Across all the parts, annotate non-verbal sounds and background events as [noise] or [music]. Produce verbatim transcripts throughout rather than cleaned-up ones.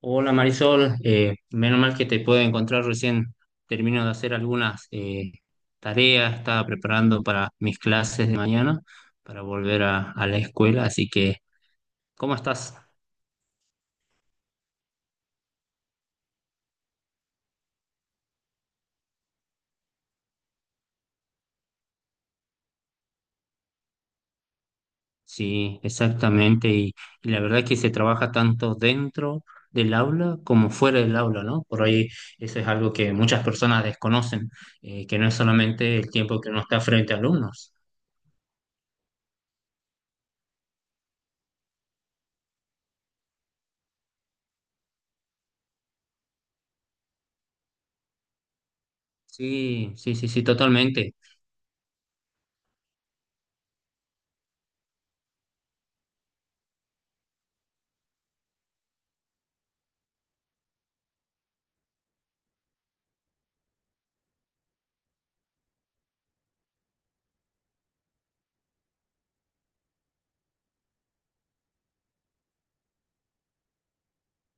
Hola Marisol, Eh, menos mal que te puedo encontrar recién. Termino de hacer algunas eh, tareas, estaba preparando para mis clases de mañana, para volver a, a la escuela, así que, ¿cómo estás? Sí, exactamente, y, y la verdad es que se trabaja tanto dentro del aula como fuera del aula, ¿no? Por ahí eso es algo que muchas personas desconocen, eh, que no es solamente el tiempo que uno está frente a alumnos. Sí, sí, sí, sí, totalmente.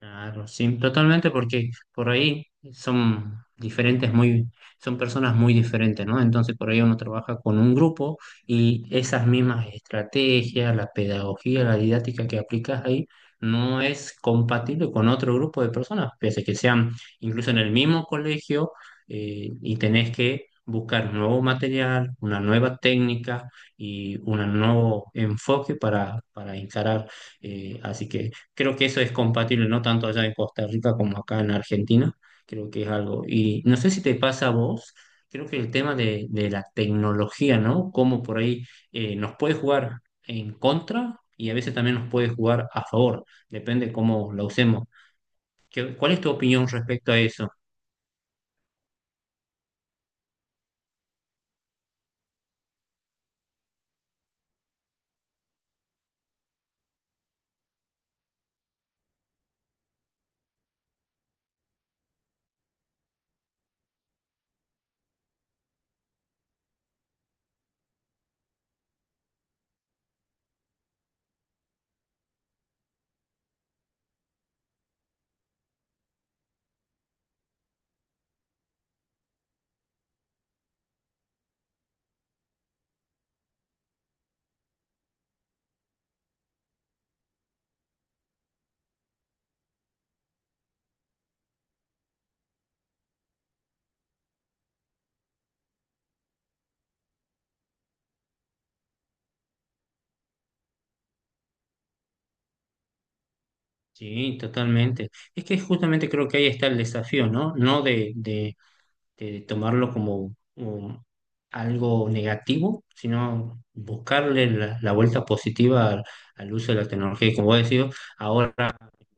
Claro, sí, totalmente, porque por ahí son diferentes, muy, son personas muy diferentes, ¿no? Entonces por ahí uno trabaja con un grupo y esas mismas estrategias, la pedagogía, la didáctica que aplicas ahí, no es compatible con otro grupo de personas, pese a que sean incluso en el mismo colegio eh, y tenés que buscar nuevo material, una nueva técnica y un nuevo enfoque para, para encarar. Eh, así que Creo que eso es compatible no tanto allá en Costa Rica como acá en Argentina. Creo que es algo. Y no sé si te pasa a vos, creo que el tema de, de la tecnología, ¿no? Cómo por ahí eh, nos puede jugar en contra y a veces también nos puede jugar a favor. Depende cómo la usemos. ¿Qué- ¿cuál es tu opinión respecto a eso? Sí, totalmente. Es que justamente creo que ahí está el desafío, ¿no? No de, de de tomarlo como um, algo negativo, sino buscarle la, la vuelta positiva al, al uso de la tecnología. Y como vos decís, ahora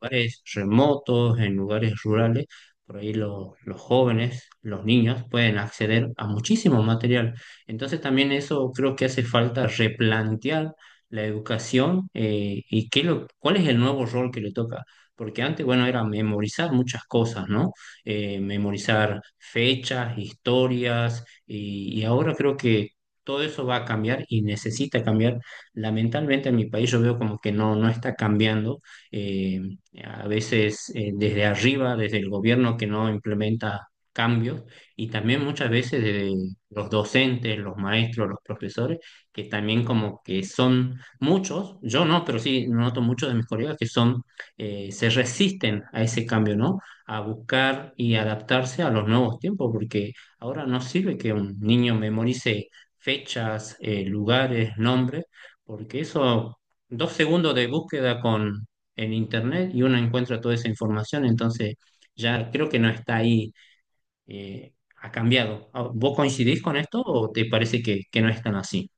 lugares remotos, en lugares rurales, por ahí lo- los jóvenes, los niños pueden acceder a muchísimo material. Entonces también eso creo que hace falta replantear la educación eh, y qué lo, ¿cuál es el nuevo rol que le toca? Porque antes, bueno, era memorizar muchas cosas, ¿no? Eh, memorizar fechas, historias, y, y ahora creo que todo eso va a cambiar y necesita cambiar. Lamentablemente en mi país yo veo como que no, no está cambiando. Eh, a veces eh, desde arriba, desde el gobierno que no implementa cambios, y también muchas veces de los docentes, los maestros, los profesores, que también como que son muchos, yo no, pero sí noto muchos de mis colegas que son, eh, se resisten a ese cambio, ¿no? A buscar y adaptarse a los nuevos tiempos, porque ahora no sirve que un niño memorice fechas, eh, lugares, nombres, porque eso... Dos segundos de búsqueda en internet y uno encuentra toda esa información, entonces ya creo que no está ahí, eh, ha cambiado. Ah, ¿vos coincidís con esto o te parece que, que no es tan así?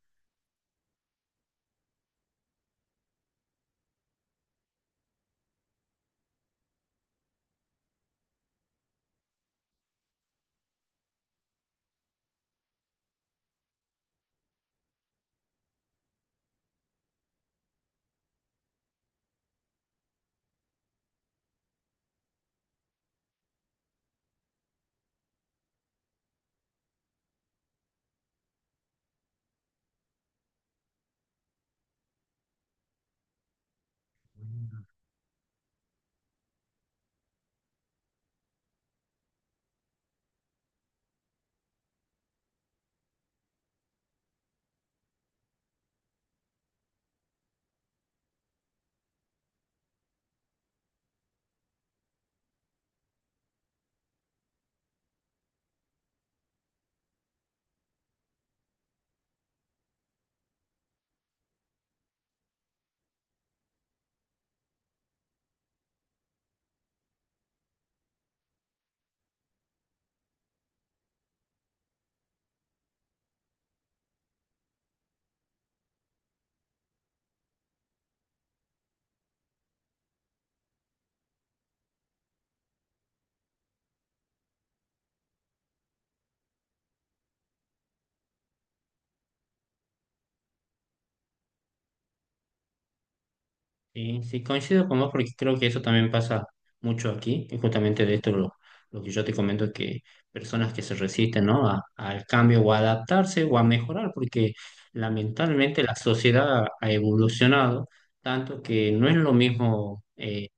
Sí, sí, coincido con vos porque creo que eso también pasa mucho aquí, y justamente de esto lo, lo que yo te comento, que personas que se resisten, ¿no? a- al cambio o a adaptarse o a mejorar, porque lamentablemente la sociedad ha evolucionado tanto que no es lo mismo. eh,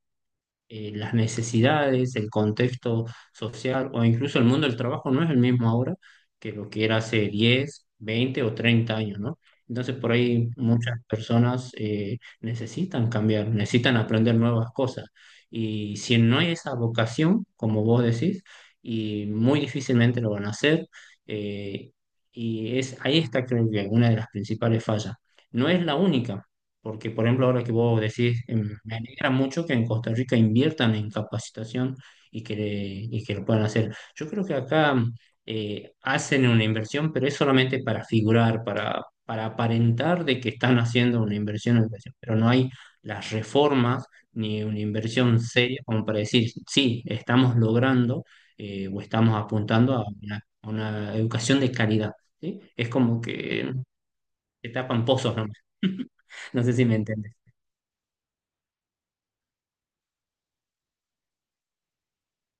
eh, las necesidades, el contexto social o incluso el mundo del trabajo no es el mismo ahora que lo que era hace diez, veinte o treinta años, ¿no? Entonces por ahí muchas personas eh, necesitan cambiar, necesitan aprender nuevas cosas. Y si no hay esa vocación, como vos decís, y muy difícilmente lo van a hacer, eh, y es, ahí está creo que una de las principales fallas. No es la única, porque, por ejemplo, ahora que vos decís, em, me alegra mucho que en Costa Rica inviertan en capacitación y que, y que lo puedan hacer. Yo creo que acá eh, hacen una inversión, pero es solamente para figurar, para, para aparentar de que están haciendo una inversión, una inversión. Pero no hay las reformas ni una inversión seria como para decir, sí, estamos logrando eh, o estamos apuntando a una, a una educación de calidad, ¿sí? Es como que te tapan pozos nomás. [laughs] No sé si me entiendes.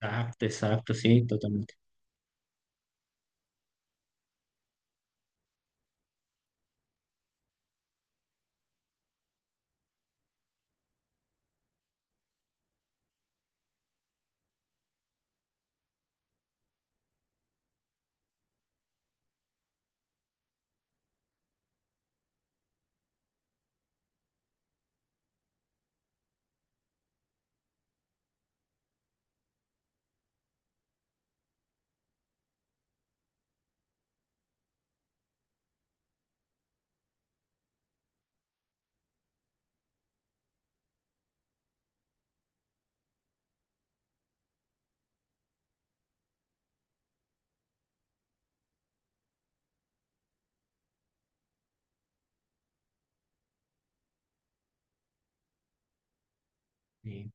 Exacto, exacto, sí, totalmente. Sí,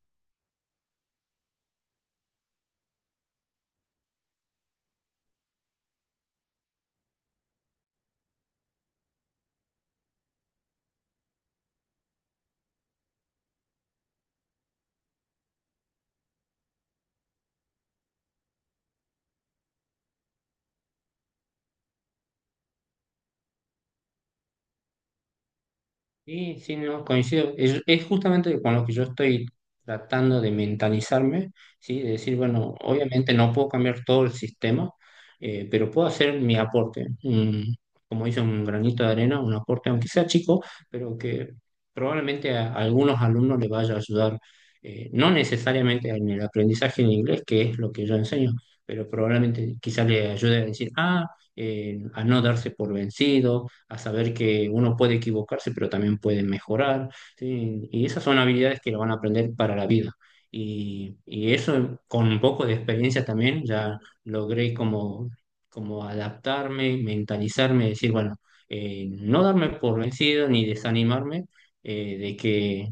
y sí, no, coincido. Es, es justamente con lo que yo estoy tratando de mentalizarme, ¿sí? De decir, bueno, obviamente no puedo cambiar todo el sistema, eh, pero puedo hacer mi aporte. un- como dice, un granito de arena, un aporte, aunque sea chico, pero que probablemente a, a algunos alumnos les vaya a ayudar, eh, no necesariamente en el aprendizaje en inglés, que es lo que yo enseño, pero probablemente quizá le ayude a decir, ah, eh, a no darse por vencido, a saber que uno puede equivocarse, pero también puede mejorar, ¿sí? Y esas son habilidades que lo van a aprender para la vida. Y, y eso con un poco de experiencia también, ya logré como, como adaptarme, mentalizarme, decir, bueno, eh, no darme por vencido ni desanimarme eh, de que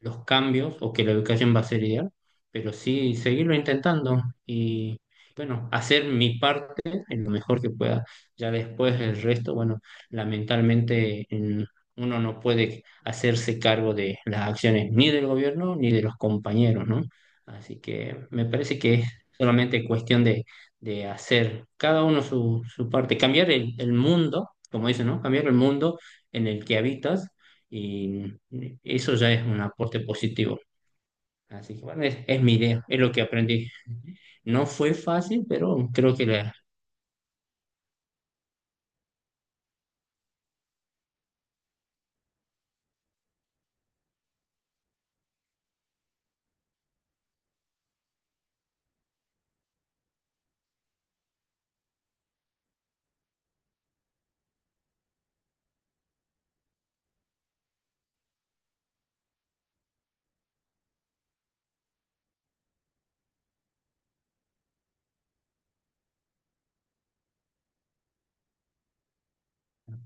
los cambios o que la educación va a ser ideal, pero sí seguirlo intentando y, bueno, hacer mi parte en lo mejor que pueda. Ya después el resto, bueno, lamentablemente mm, uno no puede hacerse cargo de las acciones ni del gobierno ni de los compañeros, ¿no? Así que me parece que es solamente cuestión de, de hacer cada uno su, su parte, cambiar el, el mundo, como dicen, ¿no? Cambiar el mundo en el que habitas y eso ya es un aporte positivo. Así que bueno, es, es mi idea, es lo que aprendí. No fue fácil, pero creo que la,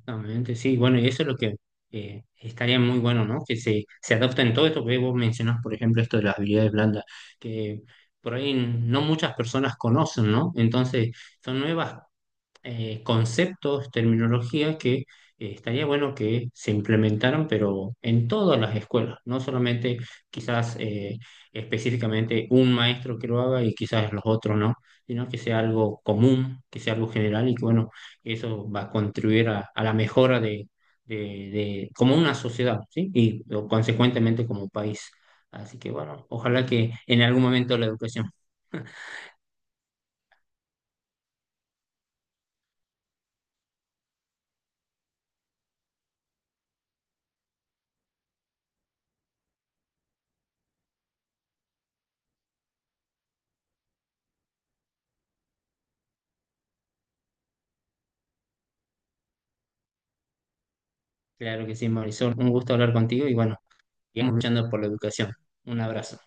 realmente sí. Bueno, y eso es lo que eh, estaría muy bueno, ¿no? Que se, se adopten todo esto que vos mencionás, por ejemplo, esto de las habilidades blandas, que por ahí no muchas personas conocen, ¿no? Entonces, son nuevas eh, conceptos, terminología que eh, estaría bueno que se implementaran, pero en todas las escuelas, no solamente quizás eh, específicamente un maestro que lo haga y quizás los otros no, sino que sea algo común, que sea algo general y que bueno, eso va a contribuir a, a la mejora de, de- de- como una sociedad, ¿sí? Y o, consecuentemente como país. Así que bueno, ojalá que en algún momento la educación. [laughs] Claro que sí, Marisol, un gusto hablar contigo y bueno. Y escuchando por la educación. Un abrazo.